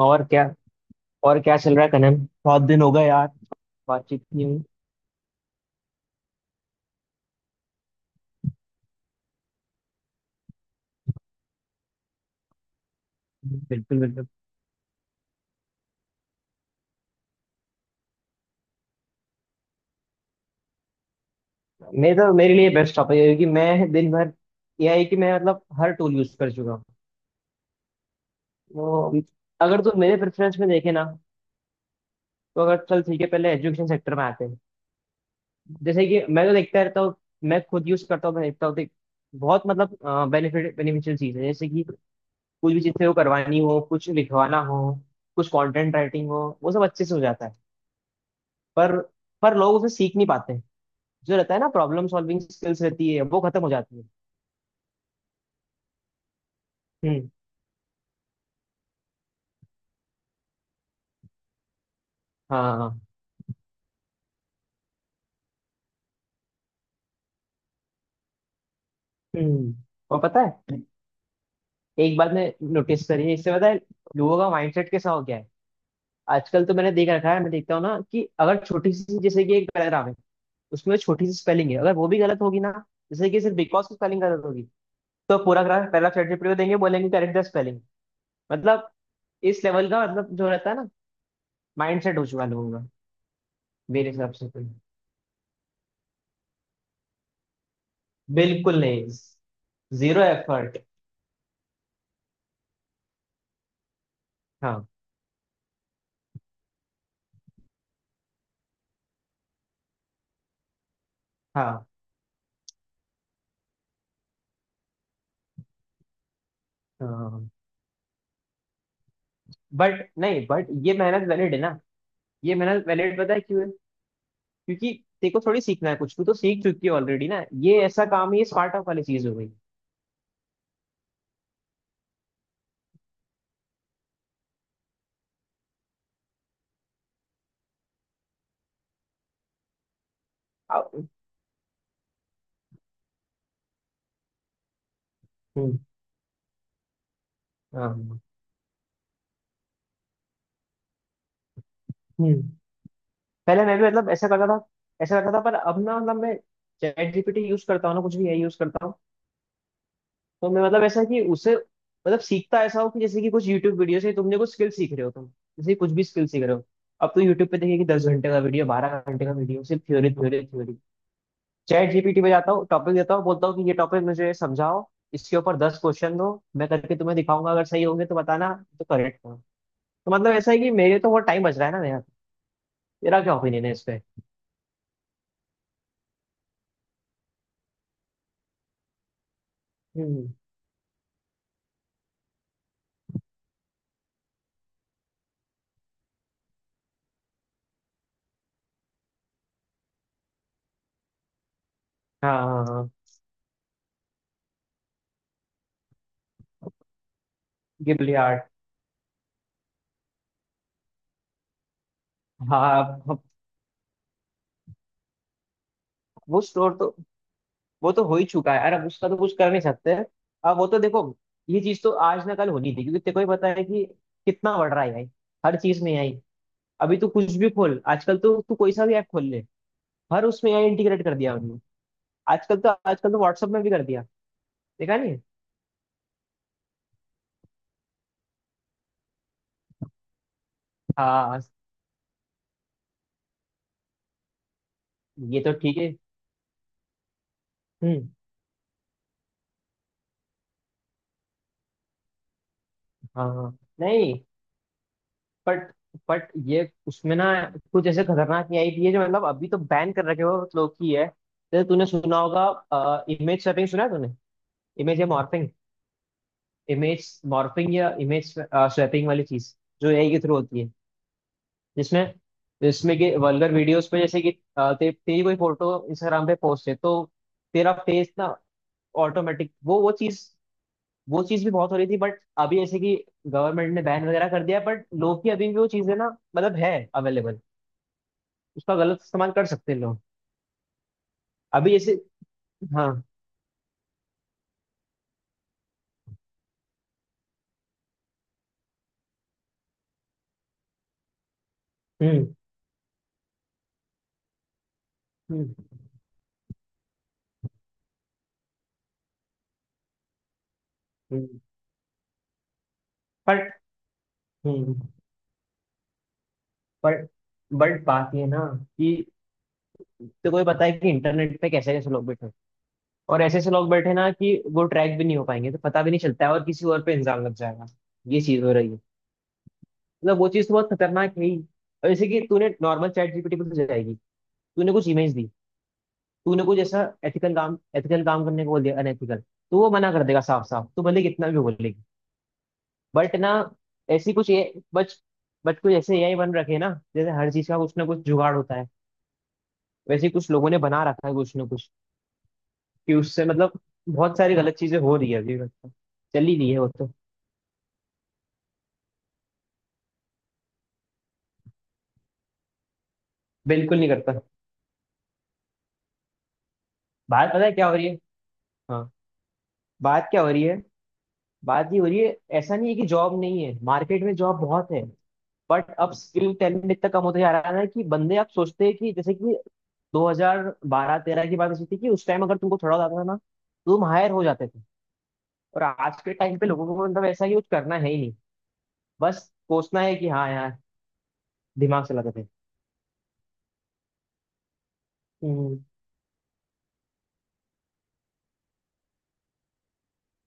और क्या और क्या चल रहा है कनन। बहुत दिन हो गए यार, बातचीत नहीं हुई। बिल्कुल, बिल्कुल। मैं तो मेरे लिए बेस्ट टॉपिक है क्योंकि मैं दिन भर, यह है कि मैं मतलब हर टूल यूज कर चुका हूँ। वो, अगर तुम मेरे प्रेफरेंस में देखे ना, तो अगर चल ठीक है पहले एजुकेशन सेक्टर में आते हैं। जैसे कि मैं तो देखता रहता हूँ। मैं खुद यूज करता हूँ, मैं देखता हूँ देख, बहुत मतलब बेनिफिट बेनिफिशियल चीज है जैसे कि कुछ भी चीज से वो करवानी हो, कुछ लिखवाना हो, कुछ कंटेंट राइटिंग हो, वो सब अच्छे से हो जाता है। पर पर लोग उसे सीख नहीं पाते। जो रहता है ना, प्रॉब्लम सॉल्विंग स्किल्स रहती है वो खत्म हो जाती है। हम्म। हाँ। हम्म। और पता है, एक बात मैं नोटिस करी है, इससे पता है लोगों का माइंडसेट कैसा हो गया है। आजकल तो मैंने देख रखा है, मैं देखता हूँ ना कि अगर छोटी सी, जैसे कि एक पैराग्राफ है, उसमें छोटी सी स्पेलिंग है अगर वो भी गलत होगी ना, जैसे कि सिर्फ बिकॉज की स्पेलिंग गलत होगी, तो पूरा पैराग्राफ चैट जीपीटी को देंगे, बोलेंगे करेक्ट द स्पेलिंग। मतलब इस लेवल का, मतलब जो रहता है ना, माइंडसेट हो चुका है लोगों का। मेरे हिसाब से तो। बिल्कुल नहीं, जीरो एफर्ट। हाँ, हाँ। बट नहीं, बट ये मेहनत वैलिड है ना, ये मेहनत वैलिड पता है क्यों है? क्योंकि तेरे को थोड़ी सीखना है कुछ, तू तो सीख चुकी है ऑलरेडी ना, ये ऐसा काम है, ये स्टार्ट अप वाली चीज हो गई। अब-। हम्म। हाँ। हम्म। पहले मैं भी मतलब ऐसा करता था, ऐसा करता था, पर अब ना मतलब मैं चैट जीपीटी यूज करता हूँ ना, कुछ भी है यूज करता हूँ। तो मैं मतलब ऐसा कि उसे मतलब सीखता ऐसा हो कि जैसे कि कुछ यूट्यूब वीडियो से तुमने कुछ स्किल सीख रहे हो तुम, जैसे कुछ भी स्किल सीख रहे हो। अब तो यूट्यूब पे देखिए कि 10 घंटे का वीडियो, 12 घंटे का वीडियो, सिर्फ theory, theory, theory. Chat GPT पे जाता हूँ, टॉपिक देता हूँ, बोलता हूँ कि ये टॉपिक मुझे समझाओ, इसके ऊपर 10 क्वेश्चन दो, मैं करके तुम्हें दिखाऊंगा अगर सही होंगे तो बताना, तो करेक्ट हो। तो मतलब ऐसा है कि मेरे तो बहुत टाइम बच रहा है ना मेरा। तेरा क्या ओपिनियन है इस पे? हम्म। हाँ, हाँ, हाँ। Ghibli art. हाँ। अब वो स्टोर तो, वो तो हो ही चुका है, अरे अब उसका तो कुछ कर नहीं सकते। अब वो तो देखो, ये चीज तो आज ना कल होनी थी क्योंकि तेको ही पता है कि कितना बढ़ रहा है भाई। हर चीज में आई। अभी तो कुछ भी खोल, आजकल तो तू कोई सा भी ऐप खोल ले, हर उसमें एआई इंटीग्रेट कर दिया। आजकल तो व्हाट्सएप में भी कर दिया, देखा नहीं? हाँ। ये तो ठीक है। हम्म। हाँ, हाँ। नहीं, बट बट ये उसमें ना कुछ ऐसे खतरनाक नहीं आई थी, ये जो मतलब अभी तो बैन कर रखे हो लोग की है, जैसे तूने सुना होगा इमेज स्वैपिंग, सुना है तूने? इमेज या मॉर्फिंग, इमेज मॉर्फिंग या इमेज स्वैपिंग वाली चीज, जो एआई के थ्रू होती है, जिसमें जिसमें कि वल्गर वीडियोस पे जैसे कि तेरी कोई फोटो इंस्टाग्राम पे पोस्ट है तो तेरा फेस ना ऑटोमेटिक वो चीज, वो चीज भी बहुत हो रही थी, बट अभी ऐसे कि गवर्नमेंट ने बैन वगैरह कर दिया, बट लोग की अभी भी वो चीजें ना, मतलब है अवेलेबल, उसका गलत इस्तेमाल कर सकते हैं लोग। अभी ऐसे। हाँ। हम्म। हम्म। हम्म। बट। हम्म। बट बट बात ये है ना कि, तो कोई पता है कि इंटरनेट पे कैसे कैसे लोग बैठे हैं। और ऐसे ऐसे लोग बैठे हैं ना कि वो ट्रैक भी नहीं हो पाएंगे, तो पता भी नहीं चलता है और किसी और पे इल्जाम लग जाएगा, ये चीज हो रही है। मतलब वो चीज तो बहुत खतरनाक है ही। और जैसे कि तूने नॉर्मल चैट जीपीटी पे तो जाएगी, तूने कुछ इमेज दी, तूने कुछ ऐसा एथिकल काम, एथिकल काम करने को बोल दिया, अनएथिकल, तो वो मना कर देगा साफ साफ, तू भले कितना भी बोलेगी बट ना। ऐसी कुछ ये बच, बट कुछ ऐसे एआई बन रखे हैं ना, जैसे हर चीज का कुछ ना कुछ जुगाड़ होता है, वैसे ही कुछ लोगों ने बना रखा है कुछ ना कुछ, कि उससे मतलब बहुत सारी गलत चीजें हो रही है अभी, मतलब चल ही रही है वो तो। बिल्कुल नहीं करता। बात पता है क्या हो रही है? हाँ। बात क्या हो रही है? बात ये हो रही है, ऐसा नहीं है कि जॉब नहीं है, मार्केट में जॉब बहुत है। बट अब स्किल टैलेंट इतना कम होता जा रहा है ना, कि बंदे आप सोचते हैं कि जैसे कि 2012-13 की बात ऐसी थी कि उस टाइम अगर तुमको थोड़ा आता था ना, तो तुम हायर हो जाते थे। और आज के टाइम पे लोगों को मतलब ऐसा यूज करना है ही नहीं, बस सोचना है कि हाँ यार, दिमाग चलाते थे। हम्म।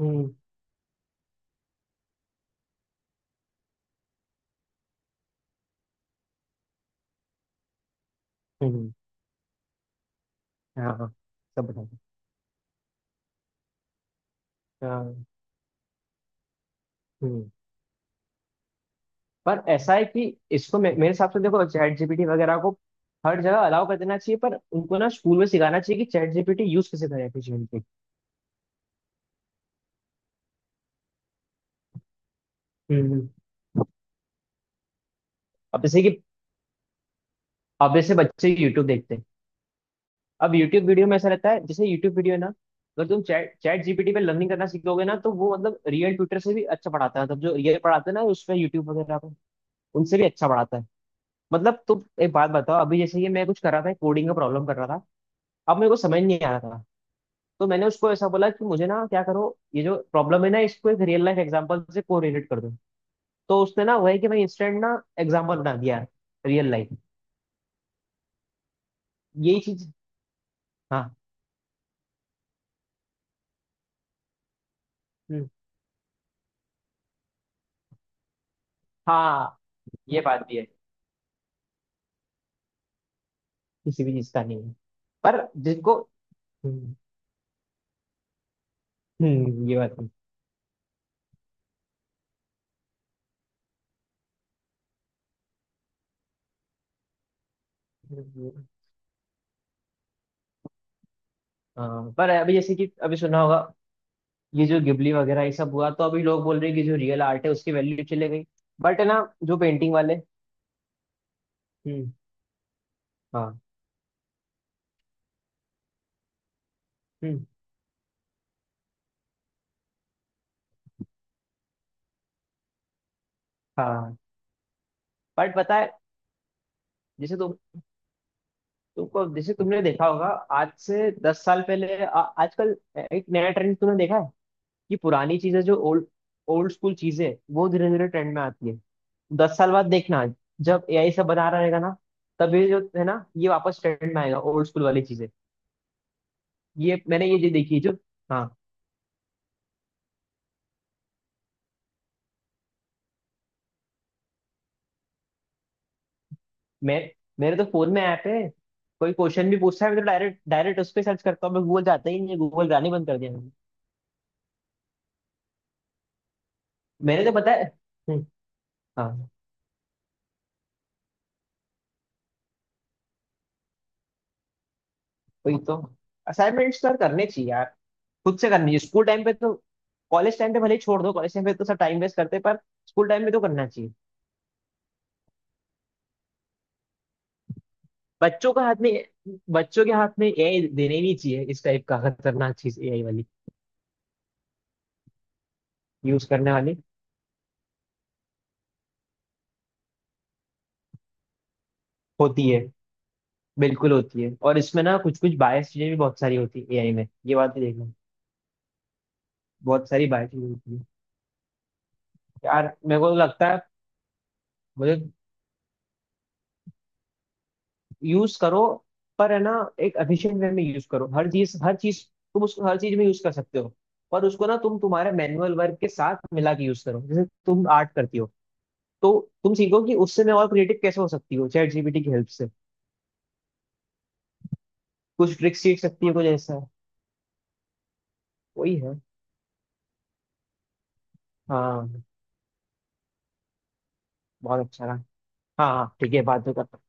हम्म। हम्म। हाँ, हाँ। सब बताते। हाँ। हम्म। पर ऐसा है कि इसको मेरे हिसाब से देखो, चैट जीपीटी वगैरह को हर जगह अलाउ कर देना चाहिए, पर उनको ना स्कूल में सिखाना चाहिए कि चैट जीपीटी यूज कैसे करें अपने जीवन पे। हम्म। अब जैसे कि, अब जैसे बच्चे यूट्यूब देखते हैं। अब यूट्यूब वीडियो में ऐसा रहता है, जैसे यूट्यूब वीडियो है ना, अगर तुम चैट चैट जीपीटी पे लर्निंग करना सीखोगे ना, तो वो मतलब रियल ट्यूटर से भी अच्छा पढ़ाता है, मतलब जो रियल पढ़ाते हैं ना उस पे यूट्यूब वगैरह पे, उनसे भी अच्छा पढ़ाता है। मतलब तुम एक बात बताओ, अभी जैसे ये मैं कुछ कर रहा था, कोडिंग का प्रॉब्लम कर रहा था, अब मेरे को समझ नहीं आ रहा था, तो मैंने उसको ऐसा बोला कि मुझे ना क्या करो, ये जो प्रॉब्लम है ना, इसको एक रियल लाइफ एग्जांपल से कोरिलेट कर दो। तो उसने ना वही कि भाई इंस्टेंट ना एग्जांपल बना दिया, रियल लाइफ। यही चीज। हाँ। हम्म, हाँ। ये बात भी है। किसी भी चीज का नहीं है। पर जिसको। हम्म, ये बात है। हाँ, पर अभी जैसे कि अभी सुना होगा, ये जो गिबली वगैरह ये सब हुआ, तो अभी लोग बोल रहे हैं कि जो रियल आर्ट है उसकी वैल्यू चले गई। बट है ना, जो पेंटिंग वाले। हम्म। हाँ। हम्म। हाँ। बट पता है, जैसे तुम जैसे तुमने देखा होगा आज से 10 साल पहले, आजकल एक नया ट्रेंड तुमने देखा है, ये पुरानी चीजें जो ओल्ड ओल्ड स्कूल चीजें हैं, वो धीरे धीरे ट्रेंड में आती है। दस साल बाद देखना, जब एआई सब बना रहेगा ना, तब ये जो है ना, ये वापस ट्रेंड में आएगा ओल्ड स्कूल वाली चीजें। ये मैंने ये जो देखी है जो। हाँ। मैं मेरे तो फोन में ऐप है, कोई क्वेश्चन भी पूछता है, मैं तो डायरेक्ट डायरेक्ट उस पर सर्च करता हूँ, मैं गूगल जाता ही नहीं है, गूगल जाने बंद कर दिया मैंने। मैंने तो पता है। हम्म, हाँ। वही तो, असाइनमेंट्स तो करने चाहिए यार, खुद से करनी चाहिए स्कूल टाइम पे तो। कॉलेज टाइम पे भले ही छोड़ दो, कॉलेज टाइम पे तो सब टाइम वेस्ट करते हैं, पर स्कूल टाइम में तो करना चाहिए। बच्चों का हाथ में बच्चों के हाथ में एआई देने ही नहीं चाहिए, इस टाइप का खतरनाक चीज एआई वाली यूज करने वाली। होती है, बिल्कुल होती है। और इसमें ना कुछ कुछ बायस चीजें भी बहुत सारी होती है एआई में, ये बात भी देखना, बहुत सारी बायस चीजें होती है यार, मेरे को तो लगता है। मुझे। यूज करो, पर है ना, एक एफिशिएंट वे में यूज करो, हर चीज हर चीज, तुम उसको हर चीज में यूज कर सकते हो, पर उसको ना तुम तुम्हारे मैनुअल वर्क के साथ मिला के यूज करो, जैसे तुम आर्ट करती हो, तो तुम सीखो कि उससे मैं और क्रिएटिव कैसे हो सकती हो चैट जीपीटी की हेल्प से, कुछ ट्रिक्स सीख सकती है कुछ ऐसा। वही है। हाँ। बहुत अच्छा रहा। हाँ, हाँ ठीक है, बात तो कर